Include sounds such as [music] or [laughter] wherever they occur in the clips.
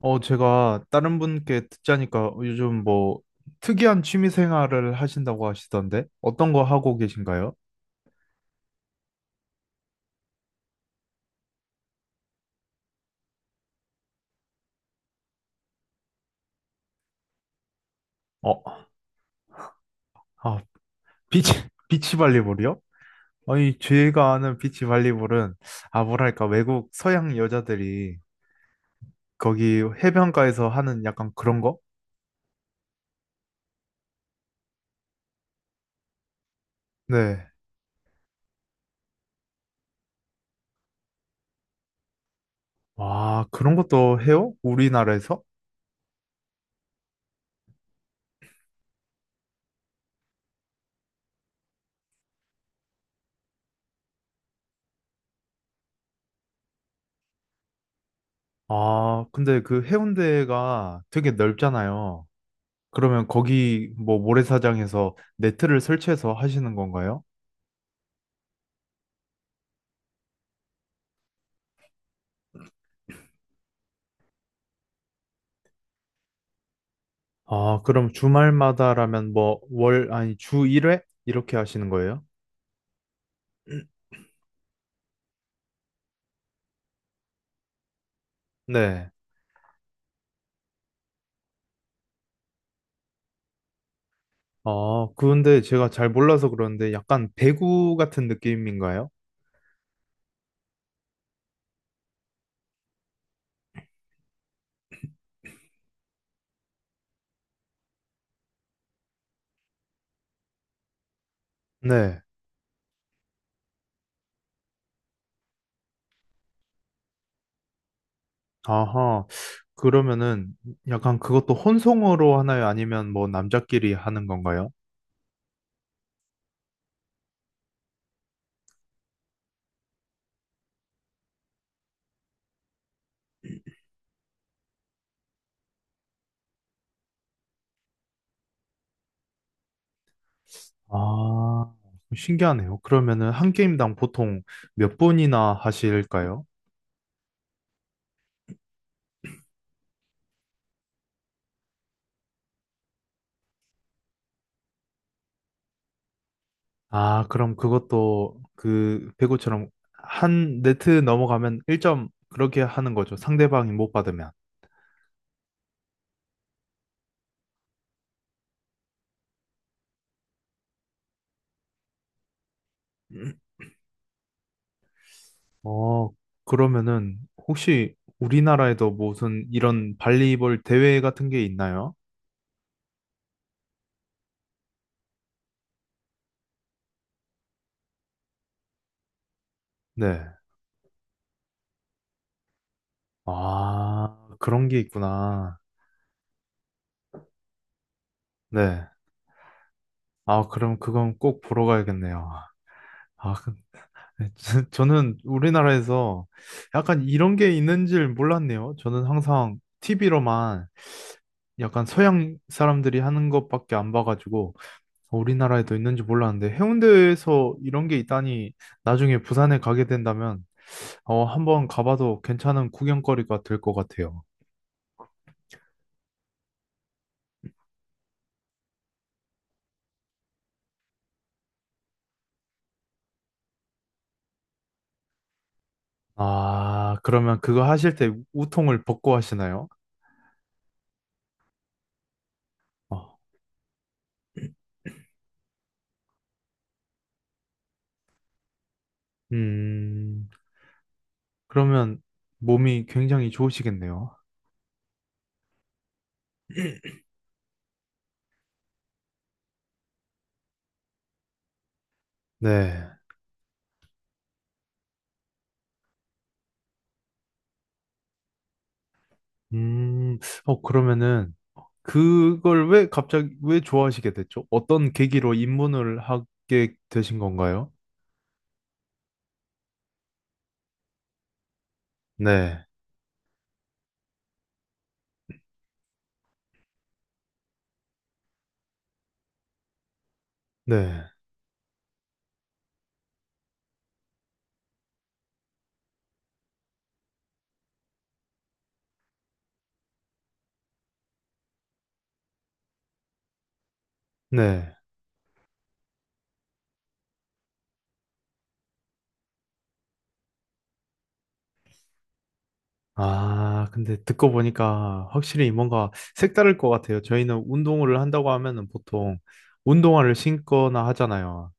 어, 제가 다른 분께 듣자니까 요즘 뭐 특이한 취미 생활을 하신다고 하시던데 어떤 거 하고 계신가요? 어, 아, 비치, [laughs] 비치 발리볼이요? 아니, 제가 아는 비치 발리볼은 아, 뭐랄까, 외국 서양 여자들이 거기 해변가에서 하는 약간 그런 거? 네. 와, 그런 것도 해요? 우리나라에서? 아, 근데 그 해운대가 되게 넓잖아요. 그러면 거기 뭐 모래사장에서 네트를 설치해서 하시는 건가요? 아, 그럼 주말마다라면 뭐 월, 아니 주 1회? 이렇게 하시는 거예요? 네. 아, 그런데 제가 잘 몰라서 그러는데 약간 배구 같은 느낌인가요? 네. 아하, 그러면은 약간 그것도 혼성으로 하나요? 아니면 뭐 남자끼리 하는 건가요? 아, 신기하네요. 그러면은 한 게임당 보통 몇 분이나 하실까요? 아, 그럼 그것도 그 배구처럼 한 네트 넘어가면 1점 그렇게 하는 거죠. 상대방이 못 받으면. 어, 그러면은 혹시 우리나라에도 무슨 이런 발리볼 대회 같은 게 있나요? 네. 아, 그런 게 있구나. 네. 아, 그럼 그건 꼭 보러 가야겠네요. 아, 근데 [laughs] 저는 우리나라에서 약간 이런 게 있는 줄 몰랐네요. 저는 항상 TV로만 약간 서양 사람들이 하는 것밖에 안 봐가지고 우리나라에도 있는지 몰랐는데 해운대에서 이런 게 있다니 나중에 부산에 가게 된다면 어, 한번 가봐도 괜찮은 구경거리가 될 것 같아요. 아, 그러면 그거 하실 때 우통을 벗고 하시나요? 어, 음, 그러면 몸이 굉장히 좋으시겠네요. 네. 음, 어, 그러면은 그걸 왜 갑자기 왜 좋아하시게 됐죠? 어떤 계기로 입문을 하게 되신 건가요? 네, 네, 네. 아, 근데 듣고 보니까 확실히 뭔가 색다를 것 같아요. 저희는 운동을 한다고 하면은 보통 운동화를 신거나 하잖아요.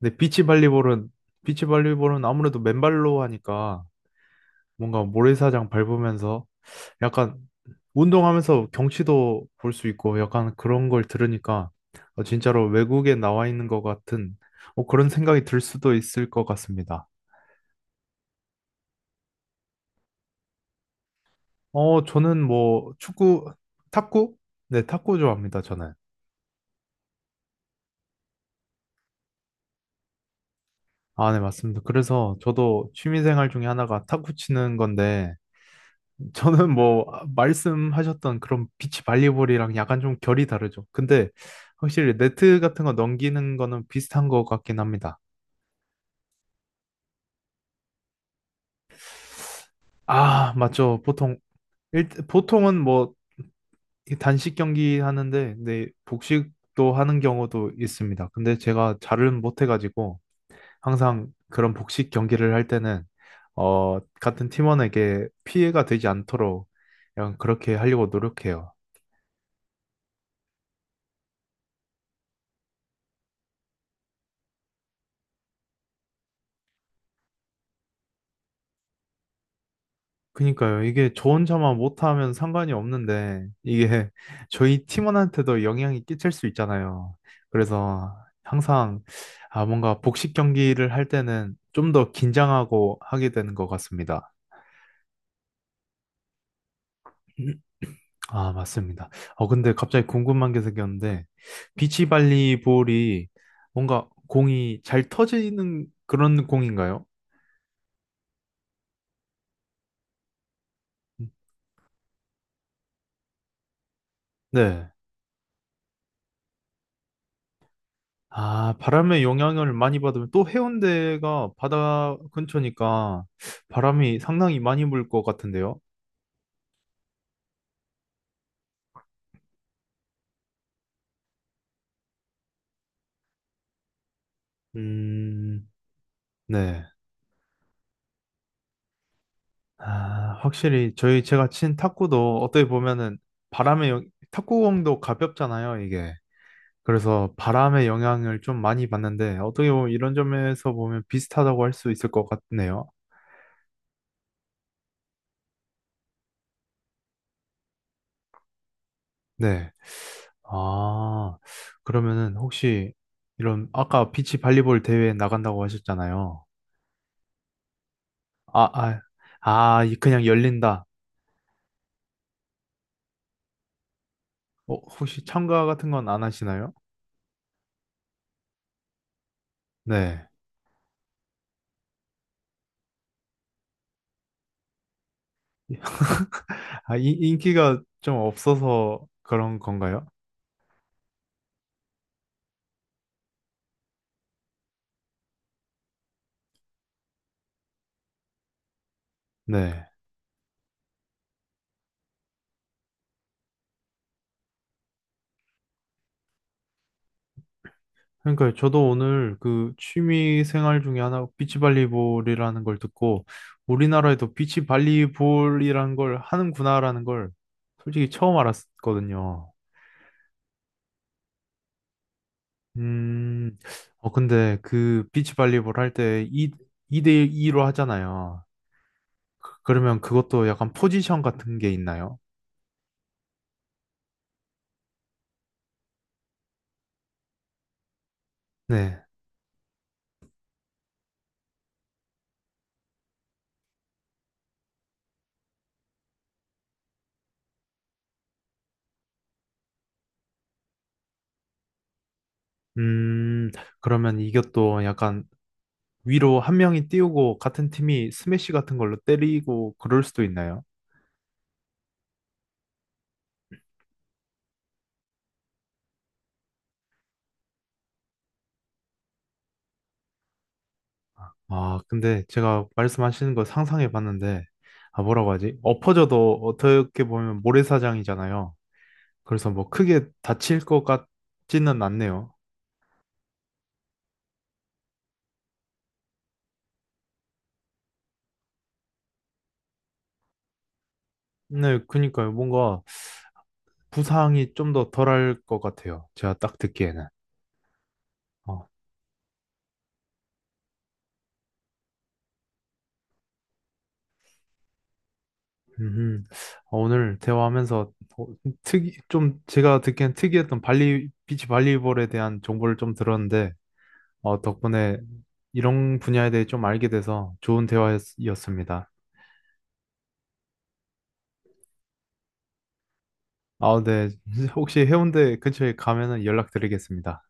근데 비치발리볼은, 비치발리볼은 아무래도 맨발로 하니까 뭔가 모래사장 밟으면서 약간 운동하면서 경치도 볼 수 있고 약간 그런 걸 들으니까 어, 진짜로 외국에 나와 있는 것 같은 어, 그런 생각이 들 수도 있을 것 같습니다. 어, 저는 뭐 축구, 탁구? 네, 탁구 좋아합니다, 저는. 아, 네, 맞습니다. 그래서 저도 취미생활 중에 하나가 탁구 치는 건데, 저는 뭐 아, 말씀하셨던 그런 비치 발리볼이랑 약간 좀 결이 다르죠. 근데 확실히 네트 같은 거 넘기는 거는 비슷한 것 같긴 합니다. 아, 맞죠. 보통 일, 보통은 뭐이 단식 경기 하는데, 네, 복식도 하는 경우도 있습니다. 근데 제가 잘은 못해가지고. 항상 그런 복식 경기를 할 때는 어, 같은 팀원에게 피해가 되지 않도록 약간 그렇게 하려고 노력해요. 그니까요. 이게 저 혼자만 못하면 상관이 없는데 이게 [laughs] 저희 팀원한테도 영향이 끼칠 수 있잖아요. 그래서 항상 아, 뭔가 복식 경기를 할 때는 좀 더 긴장하고 하게 되는 것 같습니다. 아, 맞습니다. 어, 근데 갑자기 궁금한 게 생겼는데, 비치발리볼이 뭔가 공이 잘 터지는 그런 공인가요? 네. 아, 바람의 영향을 많이 받으면 또 해운대가 바다 근처니까 바람이 상당히 많이 불 것 같은데요. 음, 네. 아, 확실히 저희 제가 친 탁구도 어떻게 보면은 탁구공도 가볍잖아요, 이게. 그래서 바람의 영향을 좀 많이 받는데 어떻게 보면 이런 점에서 보면 비슷하다고 할 수 있을 것 같네요. 네. 아, 그러면은 혹시 이런 아까 비치 발리볼 대회에 나간다고 하셨잖아요. 아, 아, 아, 이 그냥 열린다. 어, 혹시 참가 같은 건 안 하시나요? 네. [laughs] 아, 이, 인기가 좀 없어서 그런 건가요? 네. 그러니까 저도 오늘 그 취미 생활 중에 하나 비치발리볼이라는 걸 듣고 우리나라에도 비치발리볼이라는 걸 하는구나라는 걸 솔직히 처음 알았거든요. 음, 어, 근데 그 비치발리볼 할 때 2, 이대 2로 하잖아요. 그러면 그것도 약간 포지션 같은 게 있나요? 네. 음, 그러면 이것도 약간 위로 한 명이 띄우고 같은 팀이 스매시 같은 걸로 때리고 그럴 수도 있나요? 아, 근데 제가 말씀하시는 거 상상해 봤는데, 아, 뭐라고 하지? 엎어져도 어떻게 보면 모래사장이잖아요. 그래서 뭐 크게 다칠 것 같지는 않네요. 네, 그니까요. 뭔가 부상이 좀 더 덜할 것 같아요. 제가 딱 듣기에는. 어, 음, 어, 오늘 대화하면서 어, 좀 제가 듣기엔 특이했던 비치 발리볼에 대한 정보를 좀 들었는데, 어, 덕분에 이런 분야에 대해 좀 알게 돼서 좋은 대화였습니다. 아, 네. [laughs] 혹시 해운대 근처에 가면은 연락드리겠습니다.